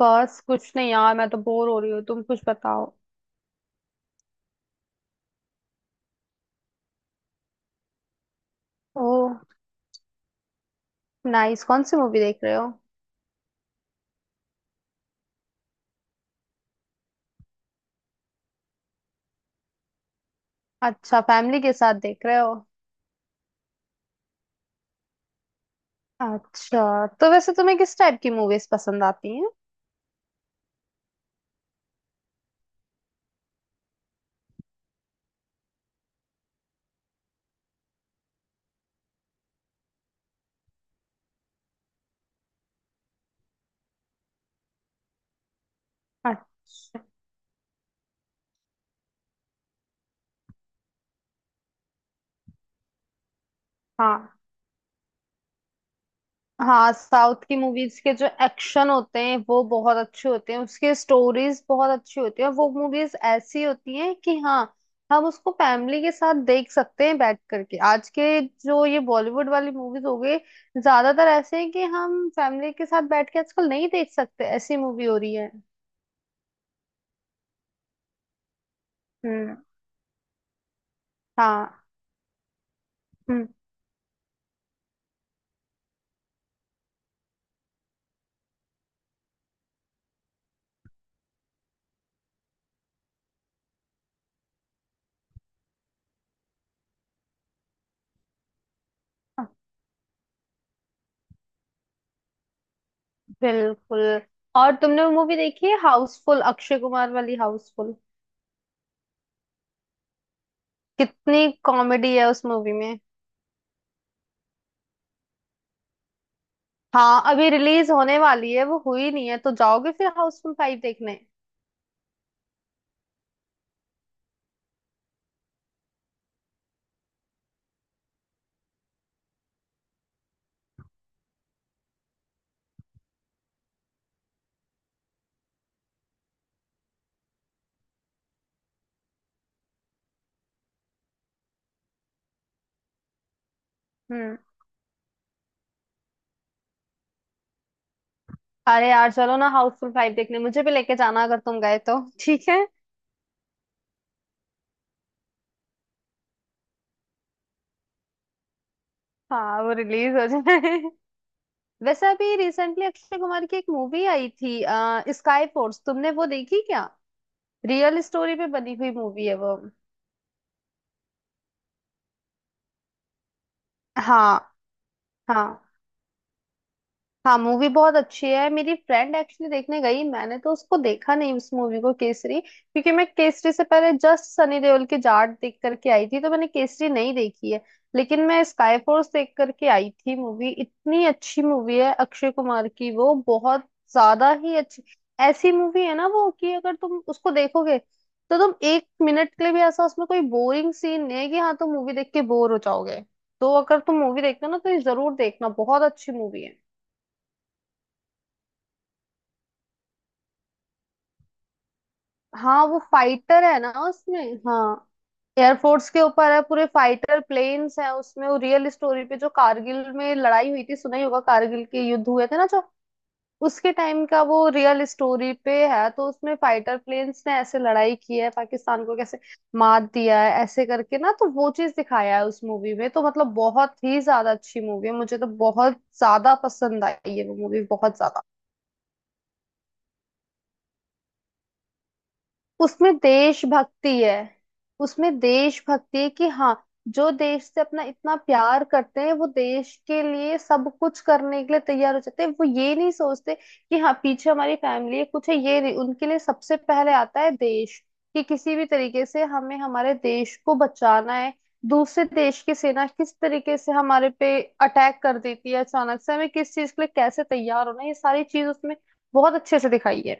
बस कुछ नहीं यार, मैं तो बोर हो रही हूँ। तुम कुछ बताओ। Oh, nice. कौन सी मूवी देख रहे हो? अच्छा, फैमिली के साथ देख रहे हो? अच्छा, तो वैसे तुम्हें किस टाइप की मूवीज पसंद आती हैं? अच्छा। हाँ हाँ, साउथ की मूवीज के जो एक्शन होते हैं वो बहुत अच्छे होते हैं, उसके स्टोरीज बहुत अच्छी होती है, और वो मूवीज ऐसी होती हैं कि हाँ, हम उसको फैमिली के साथ देख सकते हैं बैठ करके। आज के जो ये बॉलीवुड वाली मूवीज हो गई, ज्यादातर ऐसे हैं कि हम फैमिली के साथ बैठ के आजकल नहीं देख सकते, ऐसी मूवी हो रही है। हम्म। हाँ। हम्म। बिल्कुल। और तुमने वो मूवी देखी है, हाउसफुल, अक्षय कुमार वाली हाउसफुल? कितनी कॉमेडी है उस मूवी में। हाँ, अभी रिलीज होने वाली है, वो हुई नहीं है। तो जाओगे फिर हाउसफुल फाइव देखने? हम्म। अरे यार, चलो ना हाउसफुल फाइव देखने, मुझे भी लेके जाना अगर तुम गए तो। ठीक है। हाँ, वो रिलीज हो जाए। वैसे अभी रिसेंटली अक्षय कुमार की एक मूवी आई थी स्काई फोर्स, तुमने वो देखी क्या? रियल स्टोरी पे बनी हुई मूवी है वो। हाँ हाँ हाँ, मूवी बहुत अच्छी है। मेरी फ्रेंड एक्चुअली देखने गई, मैंने तो उसको देखा नहीं, उस मूवी को, केसरी, क्योंकि मैं केसरी से पहले जस्ट सनी देओल की जाट देख करके आई थी, तो मैंने केसरी नहीं देखी है। लेकिन मैं स्काई फोर्स देख करके आई थी। मूवी इतनी अच्छी मूवी है अक्षय कुमार की, वो बहुत ज्यादा ही अच्छी ऐसी मूवी है ना वो, कि अगर तुम उसको देखोगे तो तुम एक मिनट के लिए भी ऐसा उसमें कोई बोरिंग सीन नहीं है कि हाँ तुम मूवी देख के बोर हो जाओगे। तो अगर तुम मूवी देखते हो ना, तो ये जरूर देखना, बहुत अच्छी मूवी है। हाँ, वो फाइटर है ना उसमें। हाँ, एयरफोर्स के ऊपर है पूरे, फाइटर प्लेन्स हैं उसमें। वो रियल स्टोरी पे, जो कारगिल में लड़ाई हुई थी, सुना ही होगा, कारगिल के युद्ध हुए थे ना जो, उसके टाइम का वो, रियल स्टोरी पे है। तो उसमें फाइटर प्लेन्स ने ऐसे लड़ाई की है, पाकिस्तान को कैसे मात दिया है ऐसे करके ना, तो वो चीज दिखाया है उस मूवी में। तो मतलब बहुत ही ज्यादा अच्छी मूवी है, मुझे तो बहुत ज्यादा पसंद आई है वो मूवी, बहुत ज्यादा। उसमें देशभक्ति है। उसमें देशभक्ति है कि हाँ, जो देश से अपना इतना प्यार करते हैं, वो देश के लिए सब कुछ करने के लिए तैयार हो जाते हैं। वो ये नहीं सोचते कि हाँ पीछे हमारी फैमिली है, कुछ है, ये नहीं, उनके लिए सबसे पहले आता है देश, कि किसी भी तरीके से हमें हमारे देश को बचाना है। दूसरे देश की सेना किस तरीके से हमारे पे अटैक कर देती है अचानक से, हमें किस चीज के लिए कैसे तैयार होना है, ये सारी चीज उसमें बहुत अच्छे से दिखाई है।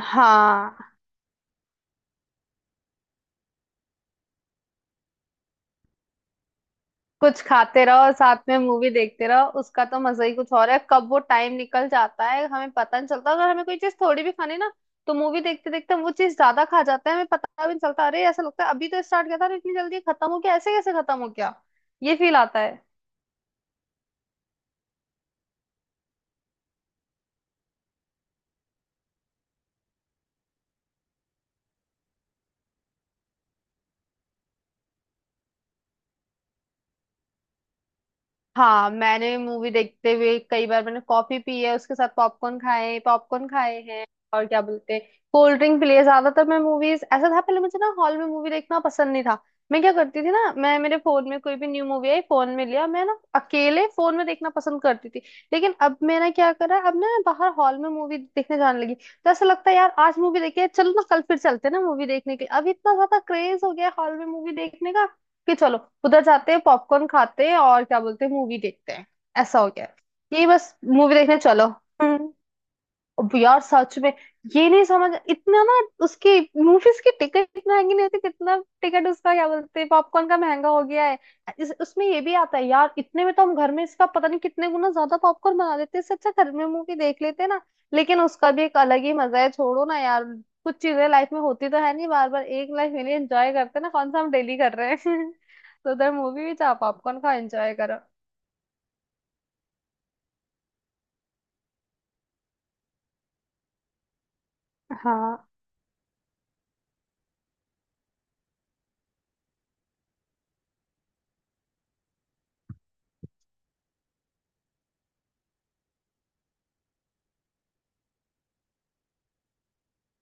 हाँ, कुछ खाते रहो और साथ में मूवी देखते रहो, उसका तो मजा ही कुछ और है। कब वो टाइम निकल जाता है हमें पता नहीं चलता। अगर हमें कोई चीज थोड़ी भी खानी ना, तो मूवी देखते देखते हम वो चीज ज्यादा खा जाते हैं, हमें पता भी नहीं चलता। अरे ऐसा लगता है अभी तो स्टार्ट किया था और इतनी जल्दी खत्म हो गया, ऐसे कैसे खत्म हो गया, ये फील आता है। हाँ, मैंने मूवी देखते हुए कई बार मैंने कॉफी पी है, उसके साथ पॉपकॉर्न खाए, पॉपकॉर्न खाए हैं, और क्या बोलते हैं, कोल्ड ड्रिंक पी लिए। ज्यादातर मैं मूवीज, ऐसा था पहले, मुझे ना हॉल में मूवी देखना पसंद नहीं था। मैं क्या करती थी ना, मैं, मेरे फोन में कोई भी न्यू मूवी आई, फोन में लिया, मैं ना अकेले फोन में देखना पसंद करती थी। लेकिन अब मैंने क्या करा, अब ना मैं बाहर हॉल में मूवी देखने जाने लगी, तो ऐसा लगता है यार आज मूवी देखी है, चलो ना कल फिर चलते हैं ना मूवी देखने के लिए। अब इतना ज्यादा क्रेज हो गया हॉल में मूवी देखने का, कि चलो उधर जाते हैं, पॉपकॉर्न खाते हैं, और क्या बोलते हैं, मूवी देखते हैं, ऐसा हो गया है। यही बस, मूवी देखने चलो। हम्म। अब यार सच में ये नहीं समझ इतना ना उसकी, मूवीज की टिकट महंगी नहीं होती, कितना टिकट उसका, क्या बोलते हैं, पॉपकॉर्न का महंगा हो गया है। उसमें ये भी आता है यार, इतने में तो हम घर में इसका पता नहीं कितने गुना ज्यादा पॉपकॉर्न बना देते हैं, इससे अच्छा घर में मूवी देख लेते हैं ना। लेकिन उसका भी एक अलग ही मजा है, छोड़ो ना यार, कुछ चीजें लाइफ में होती तो है नहीं बार बार, एक लाइफ में एंजॉय करते हैं ना, कौन सा हम डेली कर रहे हैं। तो उधर मूवी भी चाह पॉपकॉर्न का एंजॉय करो। हाँ।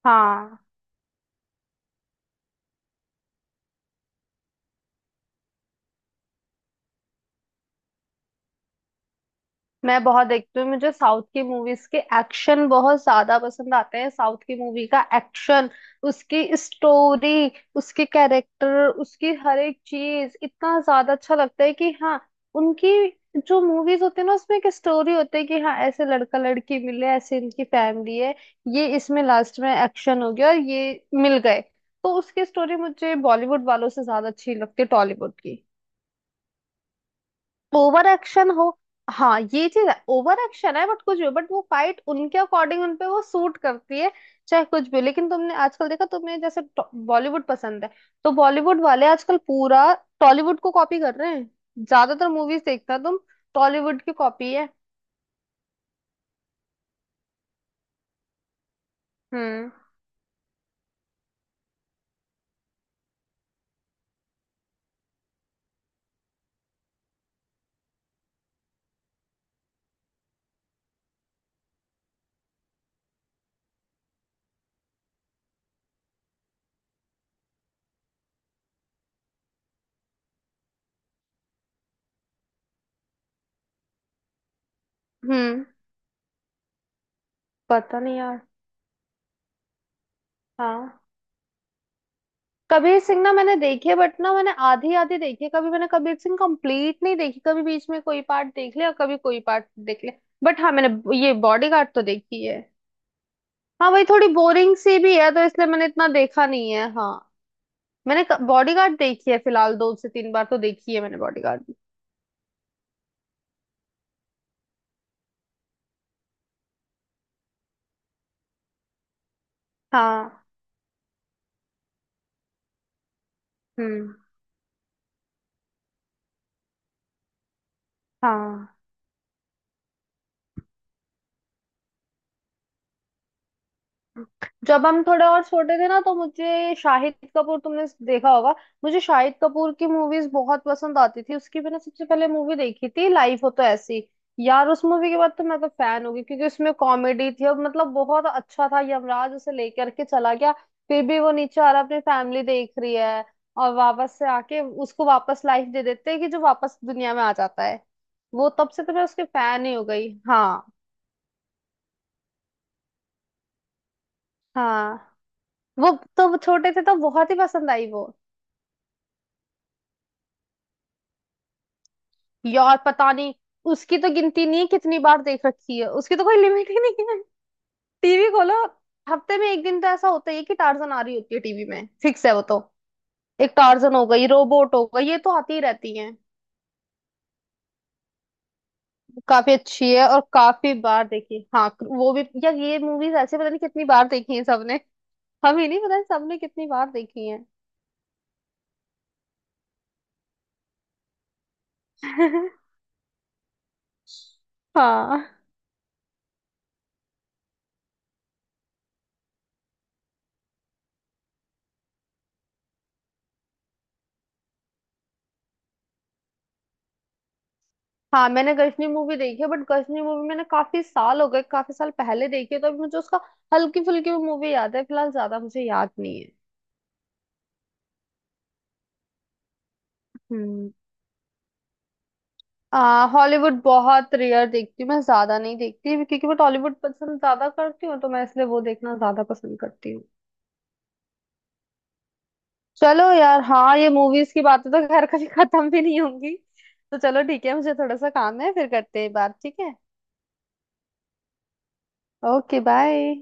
हाँ, मैं बहुत देखती हूँ, मुझे साउथ की मूवीज के एक्शन बहुत ज्यादा पसंद आते हैं। साउथ की मूवी का एक्शन, उसकी स्टोरी, उसके कैरेक्टर, उसकी हर एक चीज इतना ज्यादा अच्छा लगता है कि हाँ, उनकी जो मूवीज होती है ना उसमें एक स्टोरी होती है कि हाँ, ऐसे लड़का लड़की मिले, ऐसे इनकी फैमिली है, ये, इसमें लास्ट में एक्शन हो गया और ये मिल गए, तो उसकी स्टोरी मुझे बॉलीवुड वालों से ज्यादा अच्छी लगती है, टॉलीवुड की। ओवर एक्शन हो, हाँ ये चीज है, ओवर एक्शन है, बट कुछ भी, बट वो फाइट उनके अकॉर्डिंग उनपे वो सूट करती है, चाहे कुछ भी हो। लेकिन तुमने आजकल देखा, तुम्हें जैसे बॉलीवुड पसंद है, तो बॉलीवुड वाले आजकल पूरा टॉलीवुड को कॉपी कर रहे हैं। ज्यादातर मूवीज देखता तुम, टॉलीवुड की कॉपी है। हम्म। हम्म। पता नहीं यार। हाँ, कबीर सिंह ना मैंने देखे, बट ना मैंने आधी आधी देखी है। कभी मैंने कबीर सिंह कंप्लीट नहीं देखी, कभी बीच में कोई पार्ट देख लिया, कभी कोई पार्ट देख लिया। बट हाँ, मैंने ये बॉडीगार्ड तो देखी है। हाँ भाई, थोड़ी बोरिंग सी भी है तो इसलिए मैंने इतना देखा नहीं है। हाँ, मैंने बॉडीगार्ड देखी है फिलहाल, दो से तीन बार तो देखी है मैंने बॉडीगार्ड भी। हाँ। हम्म। हाँ। जब हम थोड़े और छोटे थे ना, तो मुझे शाहिद कपूर, तुमने देखा होगा, मुझे शाहिद कपूर की मूवीज बहुत पसंद आती थी। उसकी मैंने सबसे पहले मूवी देखी थी लाइफ हो तो ऐसी। यार उस मूवी के बाद तो मैं तो फैन हो गई, क्योंकि उसमें कॉमेडी थी और मतलब बहुत अच्छा था, यमराज उसे लेकर के चला गया, फिर भी वो नीचे आ रहा अपनी फैमिली देख रही है, और वापस से आके उसको वापस लाइफ दे देते हैं कि जो, वापस दुनिया में आ जाता है। वो तब से तो मैं उसके फैन ही हो गई। हाँ। हाँ, वो, तो छोटे थे तो बहुत ही पसंद आई वो। यार पता नहीं, उसकी तो गिनती नहीं है कितनी बार देख रखी है, उसकी तो कोई लिमिट ही नहीं है। टीवी खोलो, हफ्ते में एक दिन तो ऐसा होता ही है कि टार्जन आ रही होती है टीवी में, फिक्स है वो तो। एक टार्जन हो गई, रोबोट हो गई, ये तो आती ही रहती है। काफी अच्छी है और काफी बार देखी, हाँ। वो भी यार, ये मूवीज ऐसे पता नहीं कितनी बार देखी है सबने, हमें नहीं पता सबने कितनी बार देखी है। हाँ। हाँ, मैंने गजनी मूवी देखी है, बट गजनी मूवी मैंने काफी साल हो गए, काफी साल पहले देखी है, तो अभी मुझे उसका हल्की फुल्की मूवी याद है, फिलहाल ज्यादा मुझे याद नहीं है। हम्म। आ हॉलीवुड बहुत रेयर देखती हूँ, मैं ज्यादा नहीं देखती, क्योंकि मैं टॉलीवुड पसंद ज्यादा करती हूँ, तो मैं इसलिए वो देखना ज्यादा पसंद करती हूँ। चलो यार, हाँ ये मूवीज की बातें तो खैर कभी खत्म भी नहीं होंगी, तो चलो ठीक है, मुझे थोड़ा सा काम है, फिर करते हैं बात, ठीक है। Okay, bye.